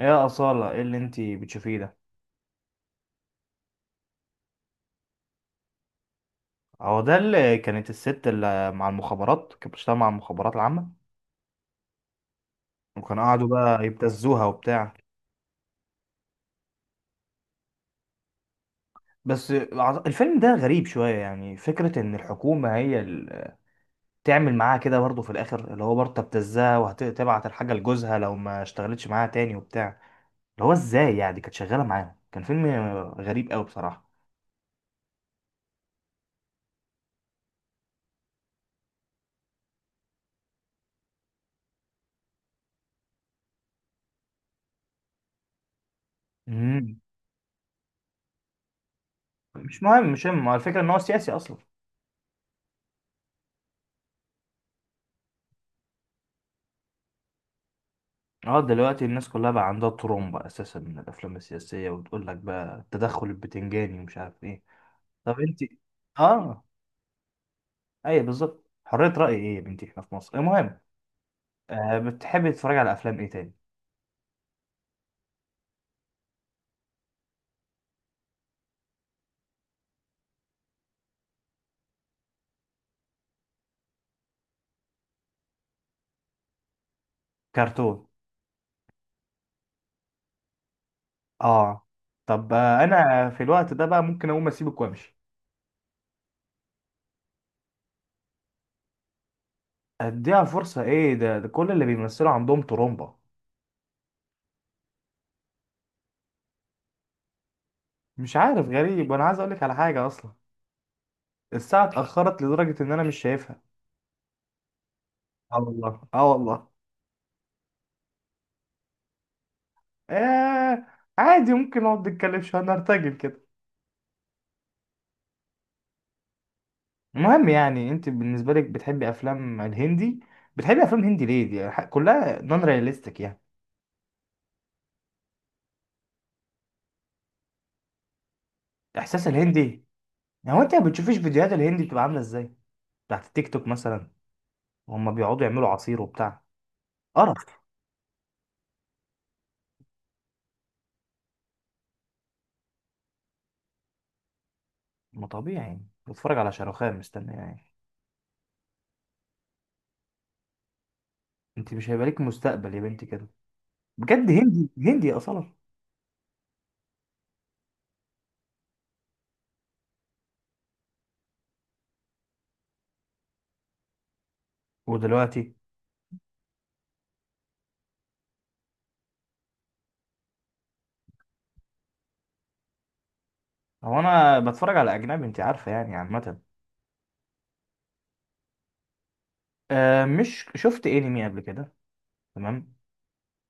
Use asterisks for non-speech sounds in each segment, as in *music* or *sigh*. ايه يا أصالة، ايه اللي انتي بتشوفيه ده؟ هو ده اللي كانت الست اللي مع المخابرات، كانت بتشتغل مع المخابرات العامة؟ وكانوا قعدوا بقى يبتزوها وبتاع. بس الفيلم ده غريب شوية، يعني فكرة ان الحكومة هي اللي تعمل معاها كده برضه في الاخر، اللي هو برضه تبتزها وهتبعت الحاجة لجوزها لو ما اشتغلتش معاها تاني وبتاع. اللي هو ازاي يعني كانت شغالة معاهم؟ كان فيلم غريب قوي بصراحة. امم مش مهم، مش مهم، هو الفكرة ان هو سياسي اصلا. اه، دلوقتي الناس كلها بقى عندها ترومبا اساسا من الافلام السياسيه وتقول لك بقى التدخل البتنجاني ومش عارف ايه. طب انت. اه. ايوه بالظبط، حريه راي ايه يا بنتي، احنا في مصر. المهم، بتحبي تتفرجي على افلام ايه تاني؟ كرتون؟ اه. طب، انا في الوقت ده بقى ممكن اقوم اسيبك وامشي. اديها فرصه ايه ده؟ ده كل اللي بيمثلوا عندهم ترومبا. مش عارف، غريب، وانا عايز اقول لك على حاجه اصلا. الساعه اتاخرت لدرجه ان انا مش شايفها. اه والله، اه والله. آه عادي، ممكن نقعد نتكلم شوية، نرتجل كده. المهم، يعني انت بالنسبة لك بتحبي افلام الهندي؟ بتحبي افلام هندي ليه؟ دي كلها نون رياليستيك يعني. احساس الهندي. يعني هو انت ما بتشوفيش فيديوهات الهندي بتبقى عاملة ازاي؟ بتاعت التيك توك مثلا. وهم بيقعدوا يعملوا عصير وبتاع. قرف. ما طبيعي يعني، بتفرج على شاروخان مستني يعني. انت مش هيبقى لك مستقبل يا بنتي كده، بجد. هندي هندي اصلا. ودلوقتي؟ هو انا بتفرج على اجنبي انت عارفة، يعني عامة. آه، مش شفت انمي قبل كده؟ تمام.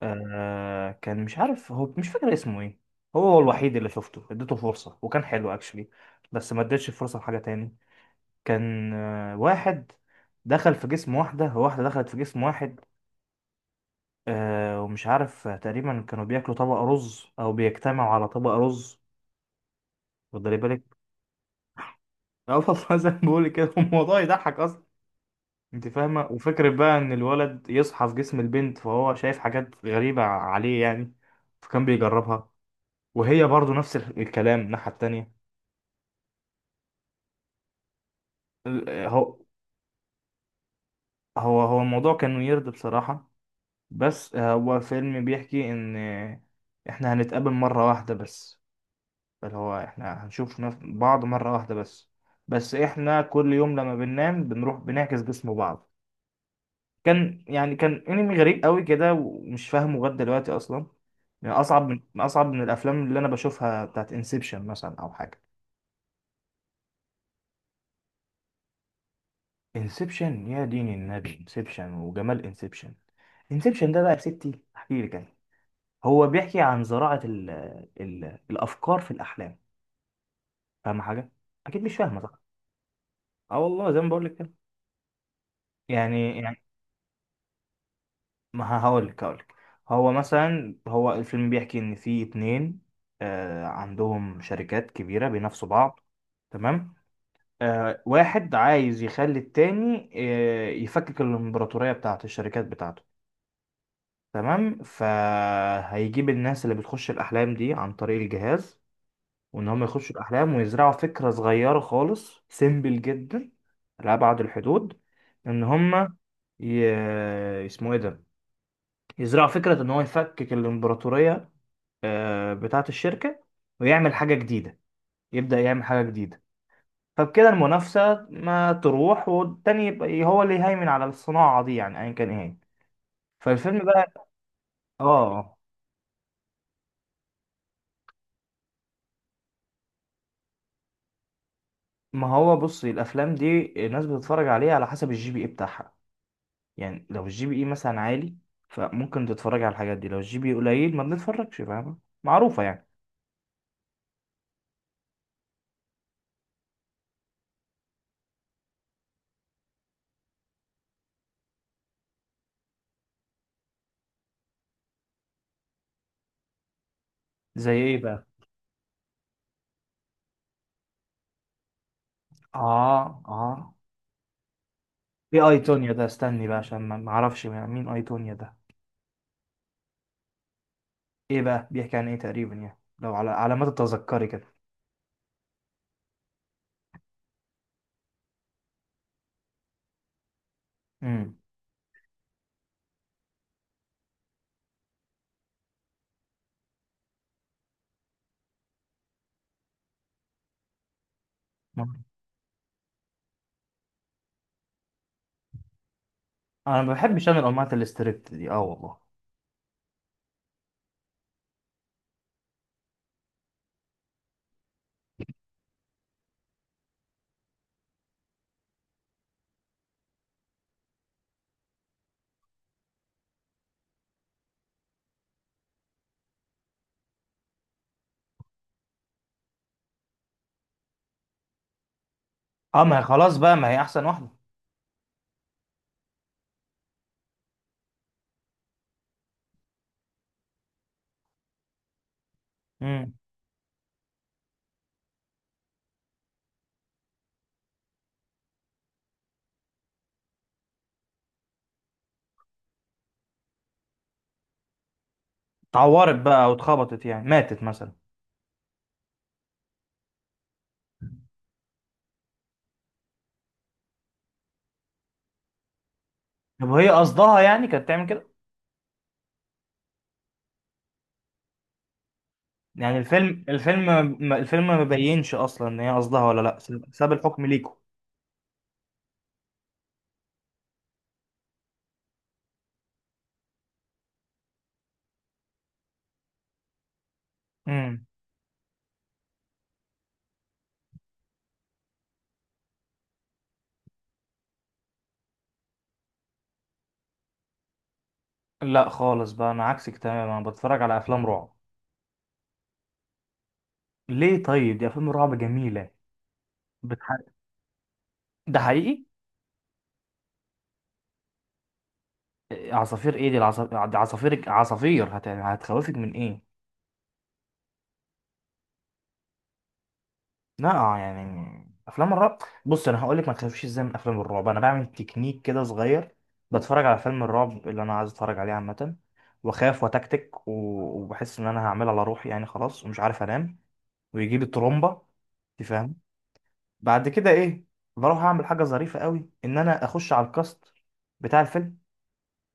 كان، مش عارف هو، مش فاكر اسمه ايه. هو الوحيد اللي شفته، اديته فرصة وكان حلو اكشلي. بس ما اديتش فرصة لحاجة تاني. كان واحد دخل في جسم واحدة، واحدة دخلت في جسم واحد. ومش عارف، تقريبا كانوا بياكلوا طبق رز او بيجتمعوا على طبق رز، واخدلي بالك. *laughs* اه والله، زي ما بقول كده، الموضوع يضحك اصلا. انت فاهمة، وفكرة بقى ان الولد يصحى في جسم البنت، فهو شايف حاجات غريبة عليه يعني. فكان بيجربها، وهي برضو نفس الكلام الناحية التانية. ال- هو هو الموضوع كان ويرد بصراحة. بس هو فيلم بيحكي إن إحنا هنتقابل مرة واحدة بس، اللي هو إحنا هنشوف بعض مرة واحدة بس، بس إحنا كل يوم لما بننام بنروح بنعكس جسم بعض. كان أنمي غريب قوي كده، ومش فاهمه لغاية دلوقتي أصلا. يعني أصعب من الأفلام اللي أنا بشوفها، بتاعت انسبشن مثلا أو حاجة. انسبشن يا دين النبي، انسبشن وجمال انسبشن. انسبشن ده بقى يا ستي احكي لك انا. هو بيحكي عن زراعة ال الافكار في الاحلام. فاهمة حاجة؟ اكيد مش فاهمة، صح. اه والله، زي ما بقول لك كده. يعني ما هقول لك، هقول لك. هو مثلا، هو الفيلم بيحكي ان في اتنين عندهم شركات كبيرة بينافسوا بعض. تمام. واحد عايز يخلي التاني، يفكك الامبراطورية بتاعت الشركات بتاعته. تمام. فهيجيب الناس اللي بتخش الأحلام دي عن طريق الجهاز، وإن هم يخشوا الأحلام ويزرعوا فكرة صغيرة خالص، سيمبل جدا لأبعد الحدود، إن هم ي... اسمه إيه ده، يزرعوا فكرة إن هو يفكك الإمبراطورية، بتاعة الشركة، ويعمل حاجة جديدة، يبدأ يعمل حاجة جديدة. فبكده المنافسة ما تروح، والتاني يبقى هو اللي يهيمن على الصناعة دي، يعني أيا كان إيه هي. فالفيلم بقى. آه. آه. ما هو بصي، الافلام دي الناس بتتفرج عليها على حسب الجي بي اي بتاعها. يعني لو الجي بي اي مثلا عالي، فممكن تتفرج على الحاجات دي. لو الجي بي اي قليل، ما بنتفرجش، فاهمة؟ معروفة يعني. زي ايه بقى؟ اه، اه. ايه اي تونيا ده؟ استني بقى عشان ما اعرفش مين اي تونيا ده. ايه بقى بيحكي عن ايه تقريبا؟ يعني لو على ما تتذكري كده. امم انا ما بحبش، انا الانماط الاستريبت دي، اه والله. اه، ما هي خلاص بقى، ما هي احسن واحده. امم اتعورت بقى او اتخبطت، يعني ماتت مثلا؟ طب هي قصدها يعني كانت تعمل كده؟ يعني الفيلم، الفيلم ما بيبينش اصلا ان هي قصدها ولا لا، ساب الحكم ليكوا. امم لا خالص بقى، انا عكسك تماما، انا بتفرج على افلام رعب. ليه؟ طيب دي افلام رعب جميله. بتح... ده حقيقي. إيه، عصافير ايه دي؟ العصافير عصافير عصافير هتخوفك من ايه؟ لا، يعني افلام الرعب. بص، انا هقول لك ما تخافيش ازاي من افلام الرعب. انا بعمل تكنيك كده صغير، بتفرج على فيلم الرعب اللي انا عايز اتفرج عليه عامه، واخاف وتكتك وبحس ان انا هعمل على روحي يعني، خلاص ومش عارف انام، ويجيب الترومبه، انت فاهم. بعد كده ايه؟ بروح اعمل حاجه ظريفه قوي، ان انا اخش على الكاست بتاع الفيلم،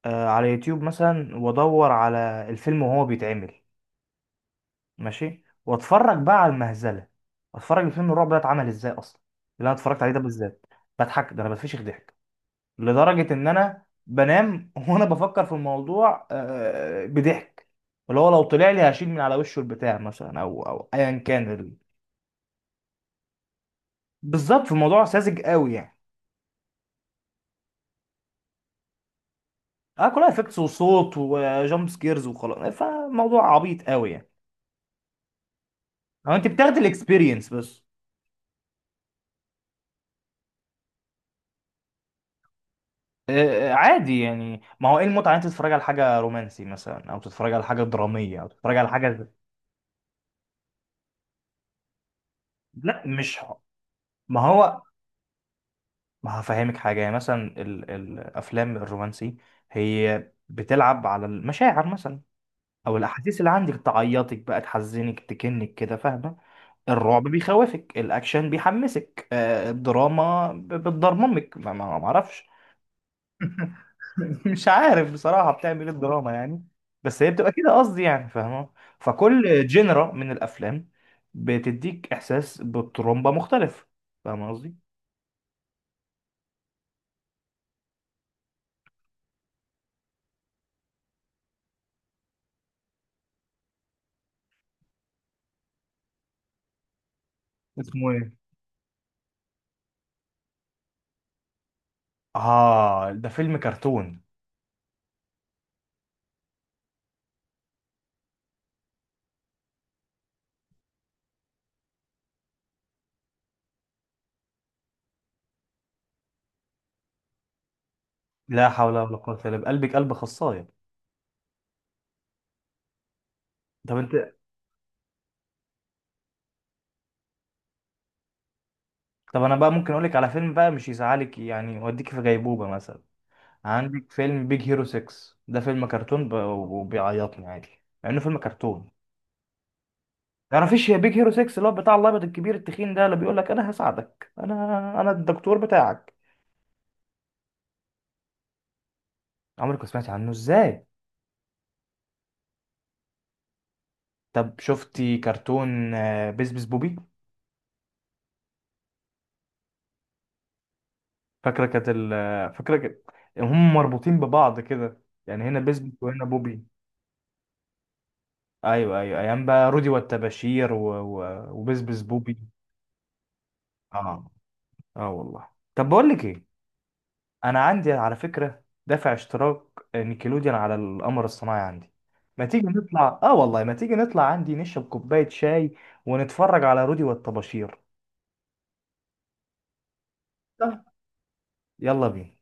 على يوتيوب مثلا، وادور على الفيلم وهو بيتعمل. ماشي، واتفرج بقى على المهزله، اتفرج الفيلم الرعب ده اتعمل ازاي اصلا، اللي انا اتفرجت عليه ده بالذات. بضحك، ده انا بتفشخ ضحك، لدرجه ان انا بنام *laughs* وانا بفكر في الموضوع، بضحك، اللي هو لو طلع لي هشيل من على وشه البتاع مثلا، او ايا كان بالظبط، في موضوع ساذج قوي يعني. اه، كلها افكتس وصوت وجامب سكيرز وخلاص، فموضوع عبيط قوي يعني. هو انت بتاخد الاكسبيرينس بس. عادي، يعني ما هو ايه المتعه ان انت تتفرج على حاجه رومانسي مثلا، او تتفرج على حاجه دراميه، او تتفرج على حاجه. لا مش ما هو، ما هفهمك حاجه. يعني مثلا الافلام الرومانسي، هي بتلعب على المشاعر مثلا، او الاحاسيس اللي عندك، تعيطك بقى، تحزنك، تكنك كده، فاهمه. الرعب بيخوفك، الاكشن بيحمسك، الدراما بتضرممك، ما اعرفش. *laughs* مش عارف بصراحة بتعمل ايه الدراما يعني، بس هي بتبقى كده، قصدي يعني، فاهمة. فكل جنرا من الافلام بتديك احساس بالترومبا مختلف، فاهمة قصدي. اسمه ايه؟ اه، ده فيلم كرتون. لا حول ولا قوة الا بقلبك، قلب خصاية. طب انت. طب انا بقى ممكن اقولك على فيلم بقى مش يزعلك، يعني يوديك في غيبوبة مثلا. عندك فيلم بيج هيرو 6، ده فيلم كرتون وبيعيطني عادي، مع انه فيلم كرتون. تعرفيش يا بيج هيرو 6 اللي هو بتاع الابيض الكبير التخين ده، اللي بيقول لك انا هساعدك، انا الدكتور بتاعك. عمرك ما سمعتي عنه ازاي؟ طب شفتي كرتون بيس بيس بوبي؟ فاكره كانت هم مربوطين ببعض كده، يعني هنا بيس بيس وهنا بوبي. ايوه ايوه، ايام بقى رودي والتباشير و... و... وبيس بيس بوبي. اه، اه والله. طب بقول لك ايه. انا عندي على فكره دافع اشتراك نيكلوديان على القمر الصناعي عندي، ما تيجي نطلع، اه والله ما تيجي نطلع عندي نشرب كوبايه شاي ونتفرج على رودي والطباشير. صح. يلا بينا.